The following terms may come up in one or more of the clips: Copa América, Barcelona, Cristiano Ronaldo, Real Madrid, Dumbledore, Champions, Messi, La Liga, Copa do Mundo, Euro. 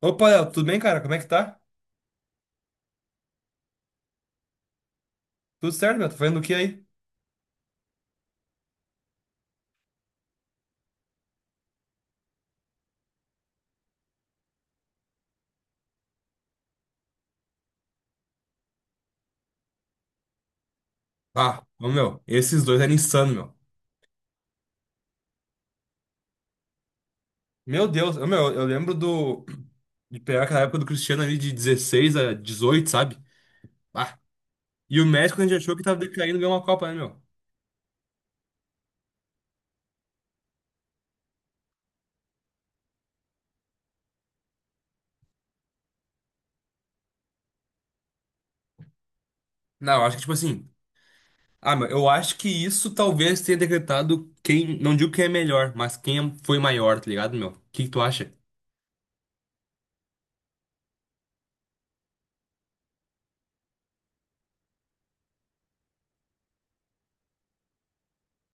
Opa, Léo, tudo bem, cara? Como é que tá? Tudo certo, meu? Tá fazendo o que aí? Ah, ô, meu, esses dois eram insano, meu. Meu Deus, eu lembro do De pegar aquela época do Cristiano ali de 16 a 18, sabe? Ah, e o Messi, quando a gente achou que tava decaindo, ganhou uma Copa, né, meu? Não, eu acho que, tipo assim. Ah, meu, eu acho que isso talvez tenha decretado quem. Não digo quem é melhor, mas quem foi maior, tá ligado, meu? O que que tu acha?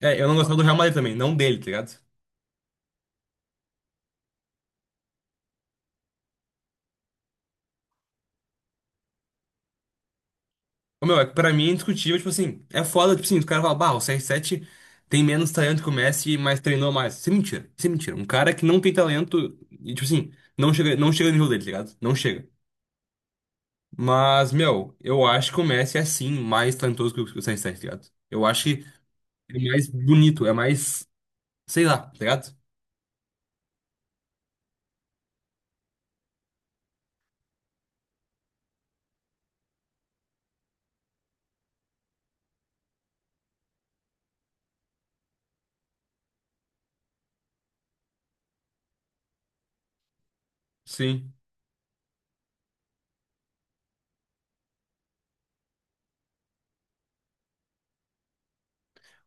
É, eu não gostava do Real Madrid também, não dele, tá ligado? Ô, meu, é que pra mim é indiscutível, tipo assim, é foda, tipo assim, os caras falam, bah, o CR7 tem menos talento que o Messi, mas treinou mais. Isso é mentira, isso é mentira. Um cara que não tem talento, e, tipo assim, não chega no nível dele, tá ligado? Não chega. Mas, meu, eu acho que o Messi é sim mais talentoso que o CR7, tá ligado? Eu acho que ele é mais bonito, é mais, sei lá, tá ligado? Sim.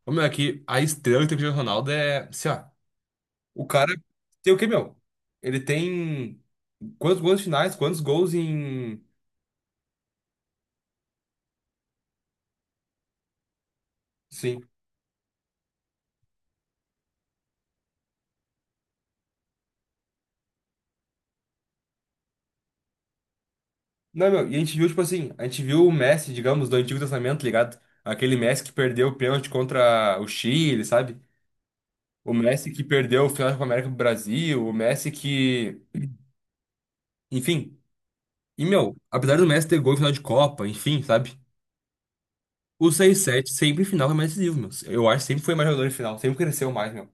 Ô, meu, aqui, a estrela que tem o Cristiano Ronaldo é, sei lá, o cara tem o quê, meu? Ele tem quantos finais, quantos gols em. Sim. Não, meu, e a gente viu, tipo assim, a gente viu o Messi, digamos, do Antigo Testamento, tá ligado? Aquele Messi que perdeu o pênalti contra o Chile, sabe? O Messi que perdeu o final da Copa América pro Brasil, o Messi que. Enfim. E, meu, apesar do Messi ter gol em final de Copa, enfim, sabe? O seis 7 sempre em final foi mais decisivo, meu. Eu acho que sempre foi mais jogador em final, sempre cresceu mais, meu.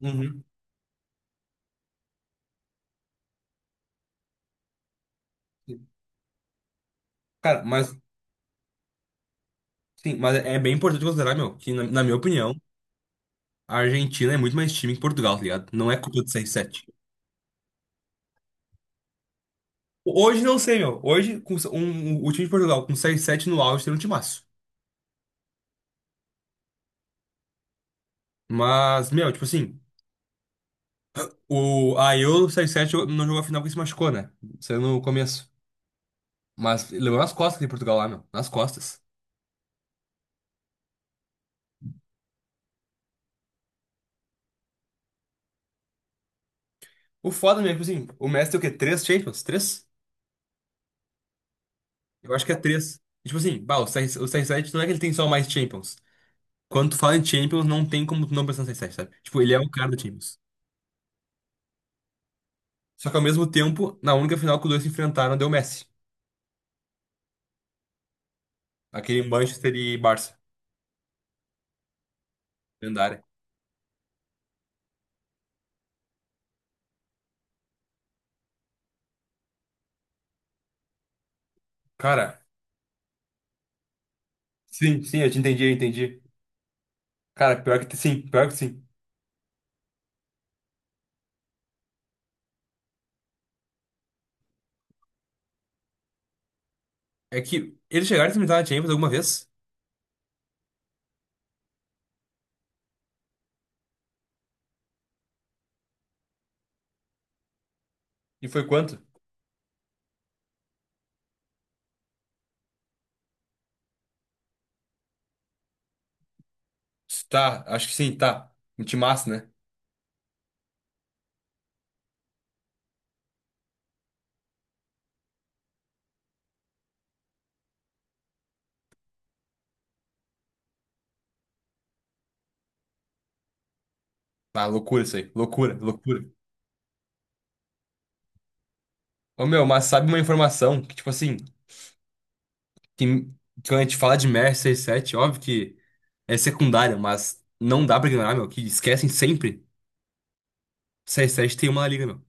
Uhum. Cara, mas, sim, mas é bem importante considerar, meu, que na minha opinião, a Argentina é muito mais time que Portugal, tá ligado? Não é culpa do 6-7. Hoje não sei, meu. Hoje, com o time de Portugal com seis sete no auge tem um timaço. Mas, meu, tipo assim, o a Euro 6-7 não jogou a final porque se machucou, né? Saiu no começo. Mas levou nas costas de Portugal lá, meu. Nas costas. O foda mesmo, tipo assim, o Messi tem o quê? Três Champions? Três? Eu acho que é três. E, tipo assim, bah, o 6 não é que ele tem só mais Champions. Quando tu fala em Champions, não tem como tu não pensar no 6 sete, sabe? Tipo, ele é o cara do Champions. Só que ao mesmo tempo, na única final que os dois se enfrentaram, deu Messi. Aquele Manchester e Barça. Lendária. Cara, sim, sim, eu te entendi, eu entendi. Cara, pior que sim, pior que sim. É que eles chegaram a enfrentar a Champions alguma vez? E foi quanto? Tá, acho que sim, tá. Um timaço, né? Ah, loucura isso aí. Loucura, loucura. Ô, meu, mas sabe uma informação que, tipo assim, que, quando a gente fala de Mer sete, óbvio que é secundária, mas não dá pra ignorar, meu, que esquecem sempre. Seis sete tem uma La Liga, meu.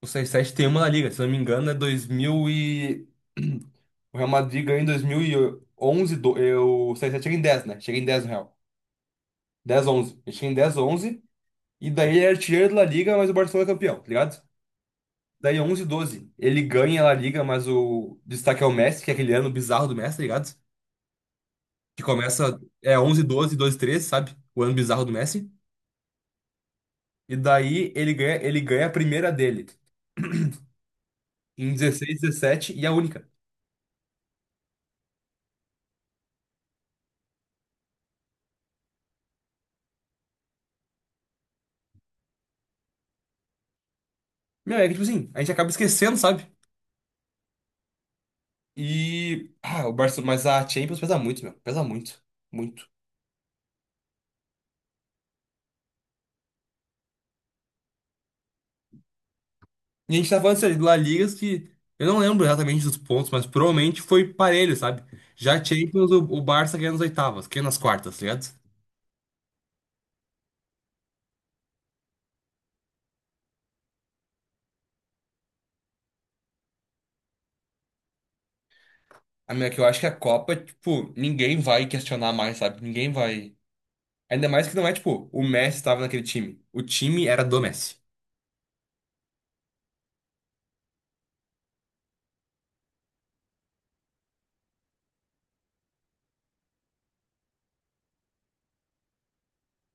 O 6 sete tem uma na Liga, se eu não me engano, é 2000 e... O Real Madrid ganhou em dois mil e onze do... eu... o 6-7 chega em dez, né? Chega em 10 no Real. Dez onze. Ele chega em 10 onze, e daí ele é artilheiro da La Liga, mas o Barcelona é campeão, tá ligado? Daí 11 12 ele ganha a La Liga, mas o destaque é o Messi, que é aquele ano bizarro do Messi, tá ligado? Que começa, é 11, 12, 12, treze, sabe? O ano bizarro do Messi. E daí ele ganha a primeira dele, em 16, 17, e a única. Meu, é que tipo assim, a gente acaba esquecendo, sabe? E. Ah, o Barcelona. Mas a Champions pesa muito, meu. Pesa muito. Muito. E a gente tá falando isso ali do La Ligas que. Eu não lembro exatamente dos pontos, mas provavelmente foi parelho, sabe? Já a Champions, o Barça ganha nas oitavas, ganha nas quartas, tá ligado? A minha que eu acho que a Copa, tipo, ninguém vai questionar mais, sabe? Ninguém vai. Ainda mais que não é, tipo, o Messi estava naquele time. O time era do Messi.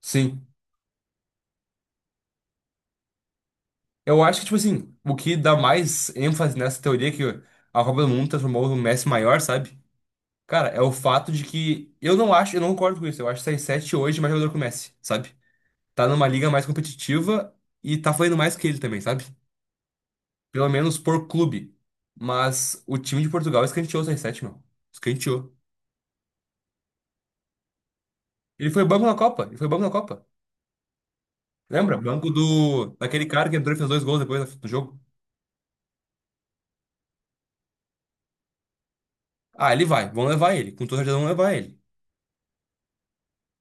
Sim. Eu acho que, tipo assim, o que dá mais ênfase nessa teoria é que a Copa do Mundo transformou o Messi maior, sabe? Cara, é o fato de que eu não acho, eu não concordo com isso. Eu acho que 7 hoje mais jogador que o Messi, sabe? Tá numa liga mais competitiva e tá fazendo mais que ele também, sabe? Pelo menos por clube. Mas o time de Portugal escanteou o CR7, meu. Escanteou. Ele foi banco na Copa. Lembra? Banco do daquele cara que entrou e fez dois gols depois do jogo. Ah, ele vai. Vão levar ele. Com toda certeza vão levar ele.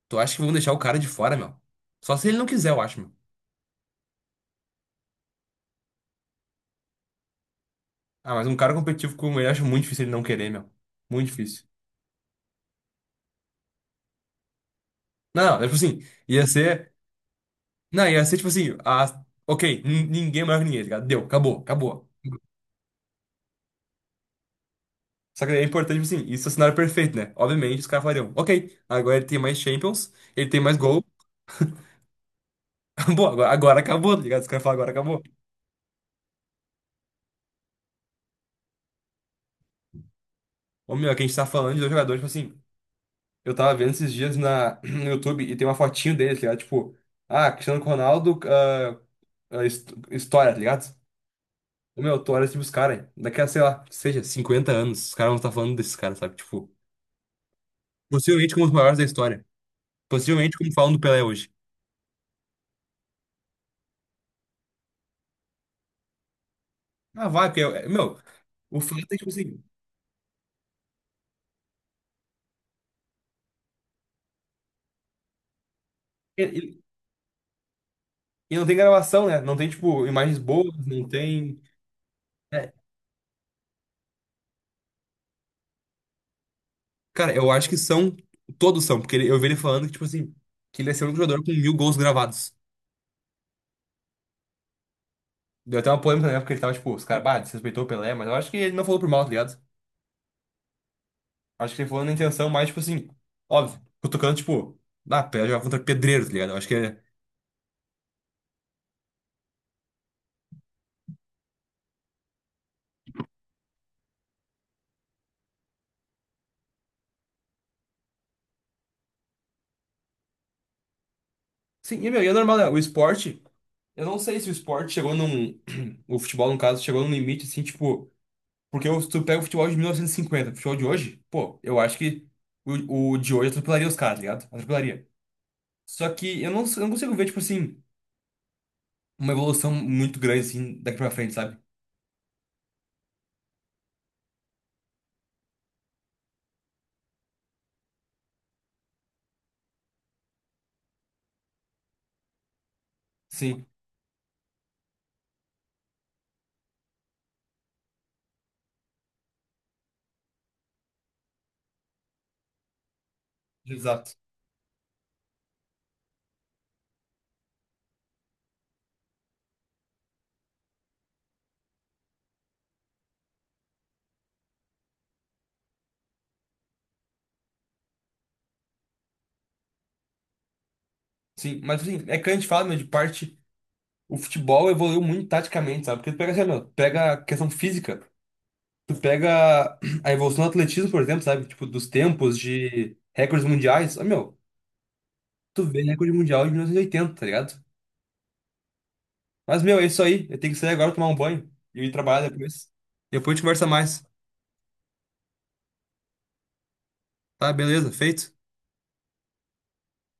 Tu acha que vão deixar o cara de fora, meu? Só se ele não quiser, eu acho, meu. Ah, mas um cara competitivo como ele, acho muito difícil ele não querer, meu. Muito difícil. Não, não, tipo assim, ia ser. Não, ia ser tipo assim, a, ok, ninguém é maior que ninguém, tá ligado? Deu, acabou, acabou. Só que é importante, tipo assim, isso é o cenário perfeito, né? Obviamente, os caras falariam, ok, agora ele tem mais Champions, ele tem mais gol, acabou, agora acabou, tá ligado? Os caras falam, agora acabou. Ô meu, é que a gente tá falando de dois jogadores, tipo assim, eu tava vendo esses dias na, no YouTube, e tem uma fotinho deles, tá ligado? Tipo, ah, Cristiano Ronaldo, ah, ah, história, tá ligado? Ô meu, tu olha, tipo, os caras, daqui a, sei lá, seja, 50 anos, os caras vão estar falando desses caras, sabe? Tipo. Possivelmente como os maiores da história. Possivelmente como falam do Pelé hoje. Ah, vai, porque, meu, o fato é, tipo assim, ele, ele não tem gravação, né? Não tem, tipo, imagens boas, não tem. É, cara, eu acho que são, todos são, porque eu vi ele falando que, tipo assim, que ele ia ser o único jogador com 1.000 gols gravados. Deu até uma polêmica na época, ele tava, tipo, os caras, bah, desrespeitou o Pelé, mas eu acho que ele não falou por mal, tá ligado? Acho que ele falou na intenção, mais, tipo assim, óbvio, cutucando, tipo, ah, Pelé jogava contra pedreiro, tá ligado? Eu acho que é. Sim, e, meu, e é normal, né? O esporte. Eu não sei se o esporte chegou num. O futebol, no caso, chegou num limite, assim, tipo. Porque eu- se tu pega o futebol de 1950 o futebol de hoje, pô, eu acho que o de hoje atropelaria os caras, tá ligado? Atropelaria. Só que eu não consigo ver, tipo assim, uma evolução muito grande, assim, daqui pra frente, sabe? Sim, exato. Sim, mas assim, é que a gente fala, meu, de parte. O futebol evoluiu muito taticamente, sabe? Porque tu pega, sei lá, meu, tu pega a questão física, tu pega a evolução do atletismo, por exemplo, sabe? Tipo, dos tempos de recordes mundiais. Ah, meu. Tu vê recorde mundial de 1980, tá ligado? Mas, meu, é isso aí. Eu tenho que sair agora tomar um banho e ir trabalhar depois. Depois a gente conversa mais. Tá, beleza, feito.